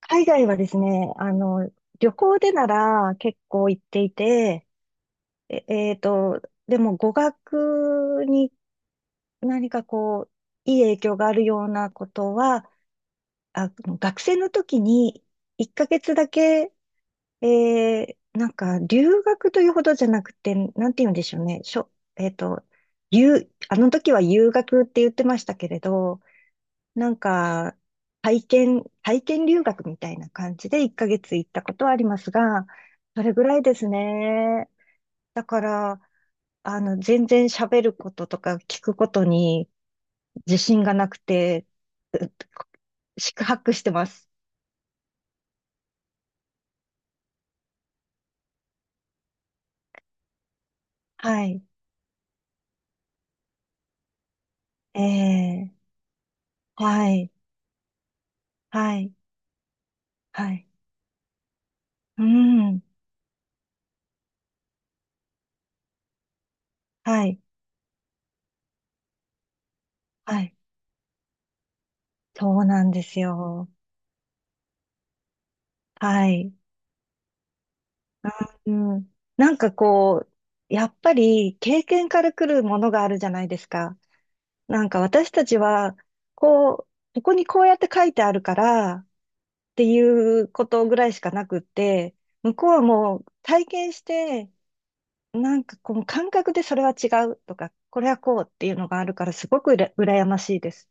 海外はですね、旅行でなら結構行っていて、え、えーと、でも語学に何かこう、いい影響があるようなことは、学生の時に1ヶ月だけ、え留学というほどじゃなくて、なんて言うんでしょうね、しょ、えーと、留、あの時は留学って言ってましたけれど、なんか、体験留学みたいな感じで1ヶ月行ったことはありますが、それぐらいですね。だから、全然喋ることとか聞くことに自信がなくて、う四苦八苦してます。はい。ええ、はい。はい。はい。うん。はい。はい。そうなんですよ。はい。うん。なんかこう、やっぱり経験から来るものがあるじゃないですか。私たちは、こう、ここにこうやって書いてあるからっていうことぐらいしかなくって、向こうはもう体験して、なんかこの感覚でそれは違うとか、これはこうっていうのがあるから、すごくうら羨ましいです。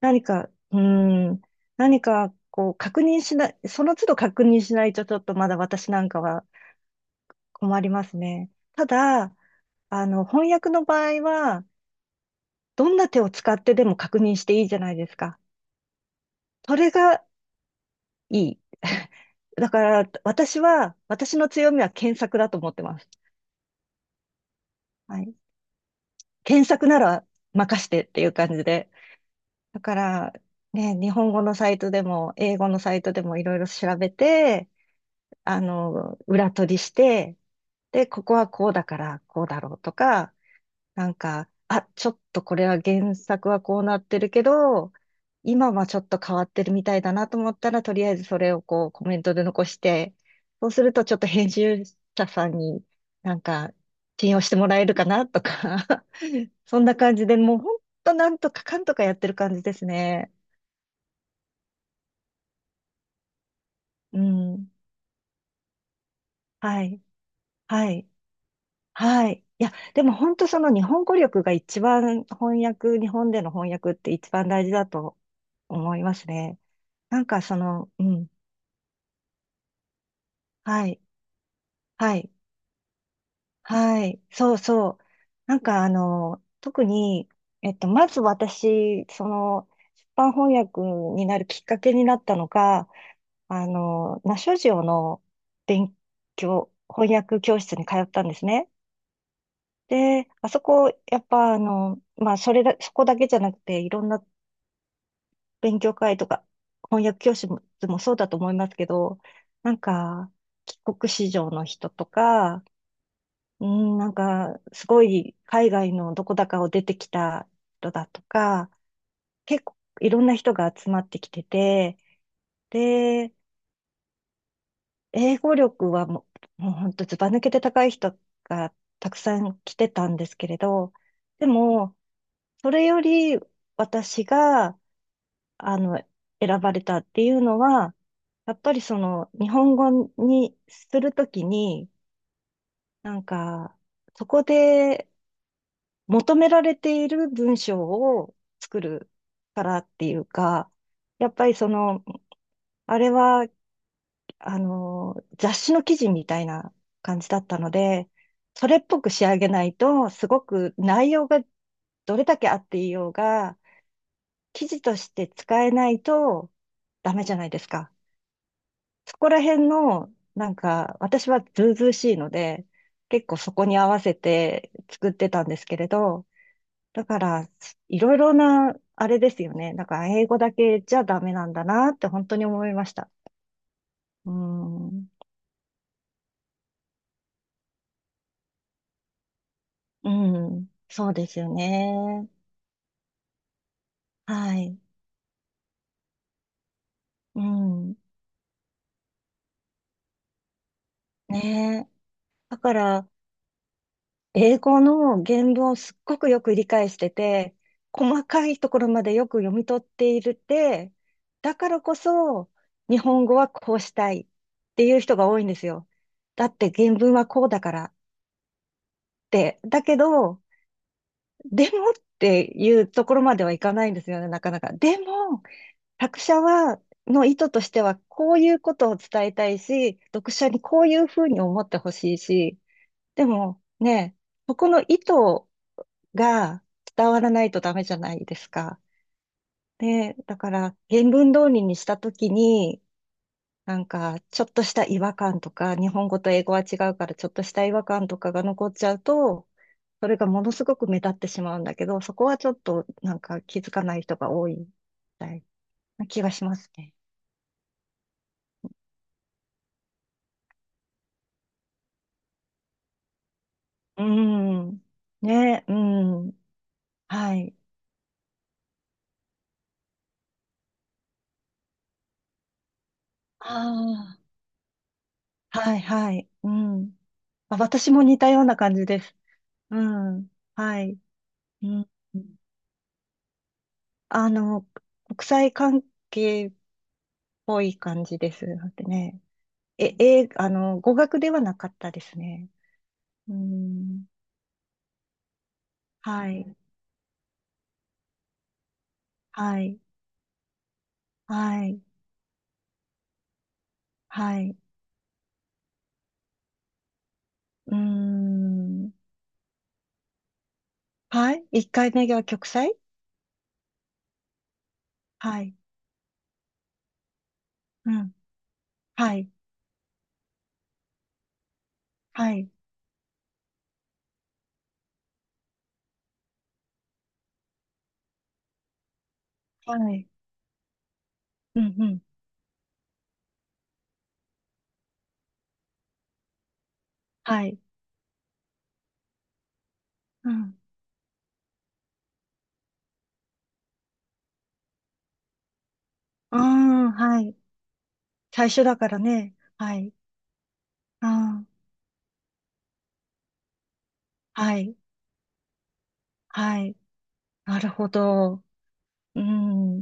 何か、うーん、何かこう確認しない、その都度確認しないと、ちょっとまだ私なんかは困りますね。ただ、翻訳の場合は、どんな手を使ってでも確認していいじゃないですか。それがいい。だから、私は、私の強みは検索だと思ってます。はい。検索なら任してっていう感じで。だから、ね、日本語のサイトでも、英語のサイトでもいろいろ調べて、裏取りして、で、ここはこうだから、こうだろうとか、あ、ちょっとこれは原作はこうなってるけど、今はちょっと変わってるみたいだなと思ったら、とりあえずそれをこうコメントで残して、そうするとちょっと編集者さんになんか信用してもらえるかなとか、そんな感じで、もうほんとなんとかかんとかやってる感じですね。うん。はい。はい。はい。いや、でも本当、その日本語力が一番翻訳、日本での翻訳って一番大事だと思いますね。なんかその、うん、はい、はい、はい、そうそう。特に、まず私、その、出版翻訳になるきっかけになったのが、ナショジオの勉翻訳教室に通ったんですね。で、あそこ、やっぱあの、まあ、それだ、そこだけじゃなくて、いろんな勉強会とか、翻訳教室もそうだと思いますけど、なんか、帰国子女の人とか、すごい海外のどこだかを出てきた人だとか、結構いろんな人が集まってきてて、で、英語力はもう、もう本当ずば抜けて高い人がたくさん来てたんですけれど、でも、それより私が、あの、選ばれたっていうのは、やっぱりその、日本語にするときに、なんか、そこで求められている文章を作るからっていうか、やっぱりその、あれは、雑誌の記事みたいな感じだったので、それっぽく仕上げないと、すごく内容がどれだけあっていようが、記事として使えないとダメじゃないですか。そこら辺の、なんか、私はずうずうしいので、結構そこに合わせて作ってたんですけれど、だから、いろいろな、あれですよね。だから、英語だけじゃダメなんだなって本当に思いました。うん。うん。そうですよね。はい。うん。ねえ。だから、英語の原文をすっごくよく理解してて、細かいところまでよく読み取っているって、だからこそ、日本語はこうしたいっていう人が多いんですよ。だって原文はこうだからって。だけど、でもっていうところまではいかないんですよね、なかなか。でも、作者は、の意図としては、こういうことを伝えたいし、読者にこういうふうに思ってほしいし、でもね、そこの意図が伝わらないとダメじゃないですか。で、だから、原文通りにしたときに、なんか、ちょっとした違和感とか、日本語と英語は違うから、ちょっとした違和感とかが残っちゃうと、それがものすごく目立ってしまうんだけど、そこはちょっと、なんか気づかない人が多いみたいな気がしますね。うん。ね、うん。はい。ああ、はい、はい。うん。あ、私も似たような感じです。うん。はい。うん。あの、国際関係っぽい感じです。だってね。語学ではなかったですね。うん。はい。はい。はい。はい。うん。はい。一回目が極彩、はい。うん。はい。はい。はい。うん。うん。はい。うん。ああ、はい。最初だからね。はい。ああ、はい。はい。なるほど。うん。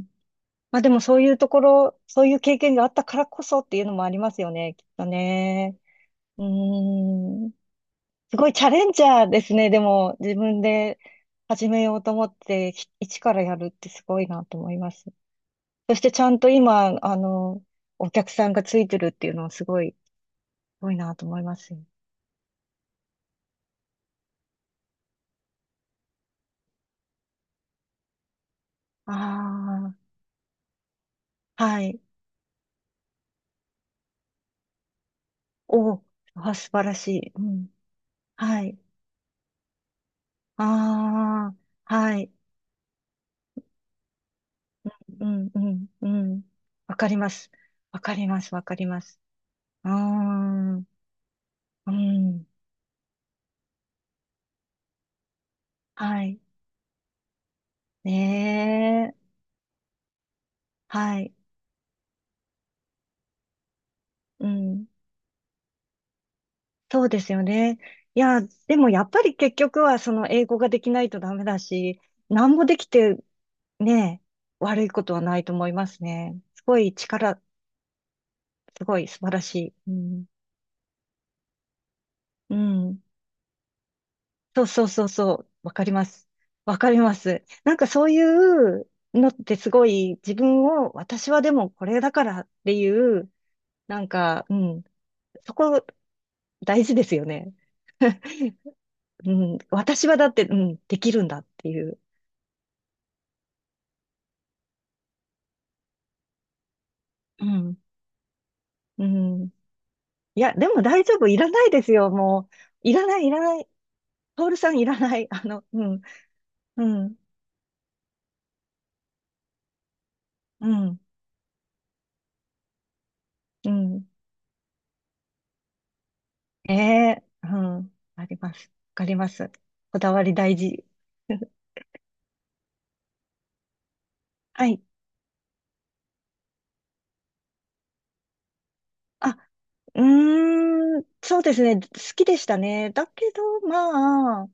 まあ、でもそういうところ、そういう経験があったからこそっていうのもありますよね。きっとね。うん。すごいチャレンジャーですね。でも、自分で始めようと思って、一からやるってすごいなと思います。そしてちゃんと今、お客さんがついてるっていうのは、すごいなと思いますよ。ああ、はい。お、あ、素晴らしい。うん。はい。ああ、はい。うん、うん、うん。わかります。わかります、わかります。うーん、うん。はい。ねえ。はい。うん。そうですよね。いや、でもやっぱり結局はその英語ができないとダメだし、何もできてね、悪いことはないと思いますね。すごい素晴らしい。うん。うん。そうそうそうそう。わかります。わかります。なんかそういうのってすごい自分を、私はでもこれだからっていう、なんか、うん。そこ大事ですよね。うん。私はだって、うん、できるんだっていう。うん。うん。いや、でも大丈夫。いらないですよ。もう。いらない、いらない。トールさんいらない。うん、うん、うん、うん。ええ、うん。あります。わかります。こだわり大事。はい。あ、うーん、そうですね。好きでしたね。だけど、まあ、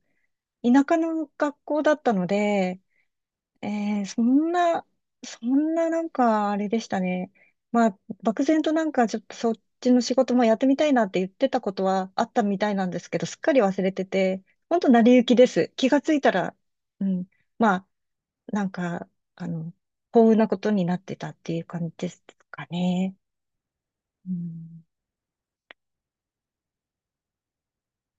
田舎の学校だったので、えー、そんな、そんななんかあれでしたね。まあ、漠然となんかちょっとそっちの仕事もやってみたいなって言ってたことはあったみたいなんですけど、すっかり忘れてて、ほんと成り行きです。気がついたら、うん、まあ、なんか、あの、幸運なことになってたっていう感じですかね。うん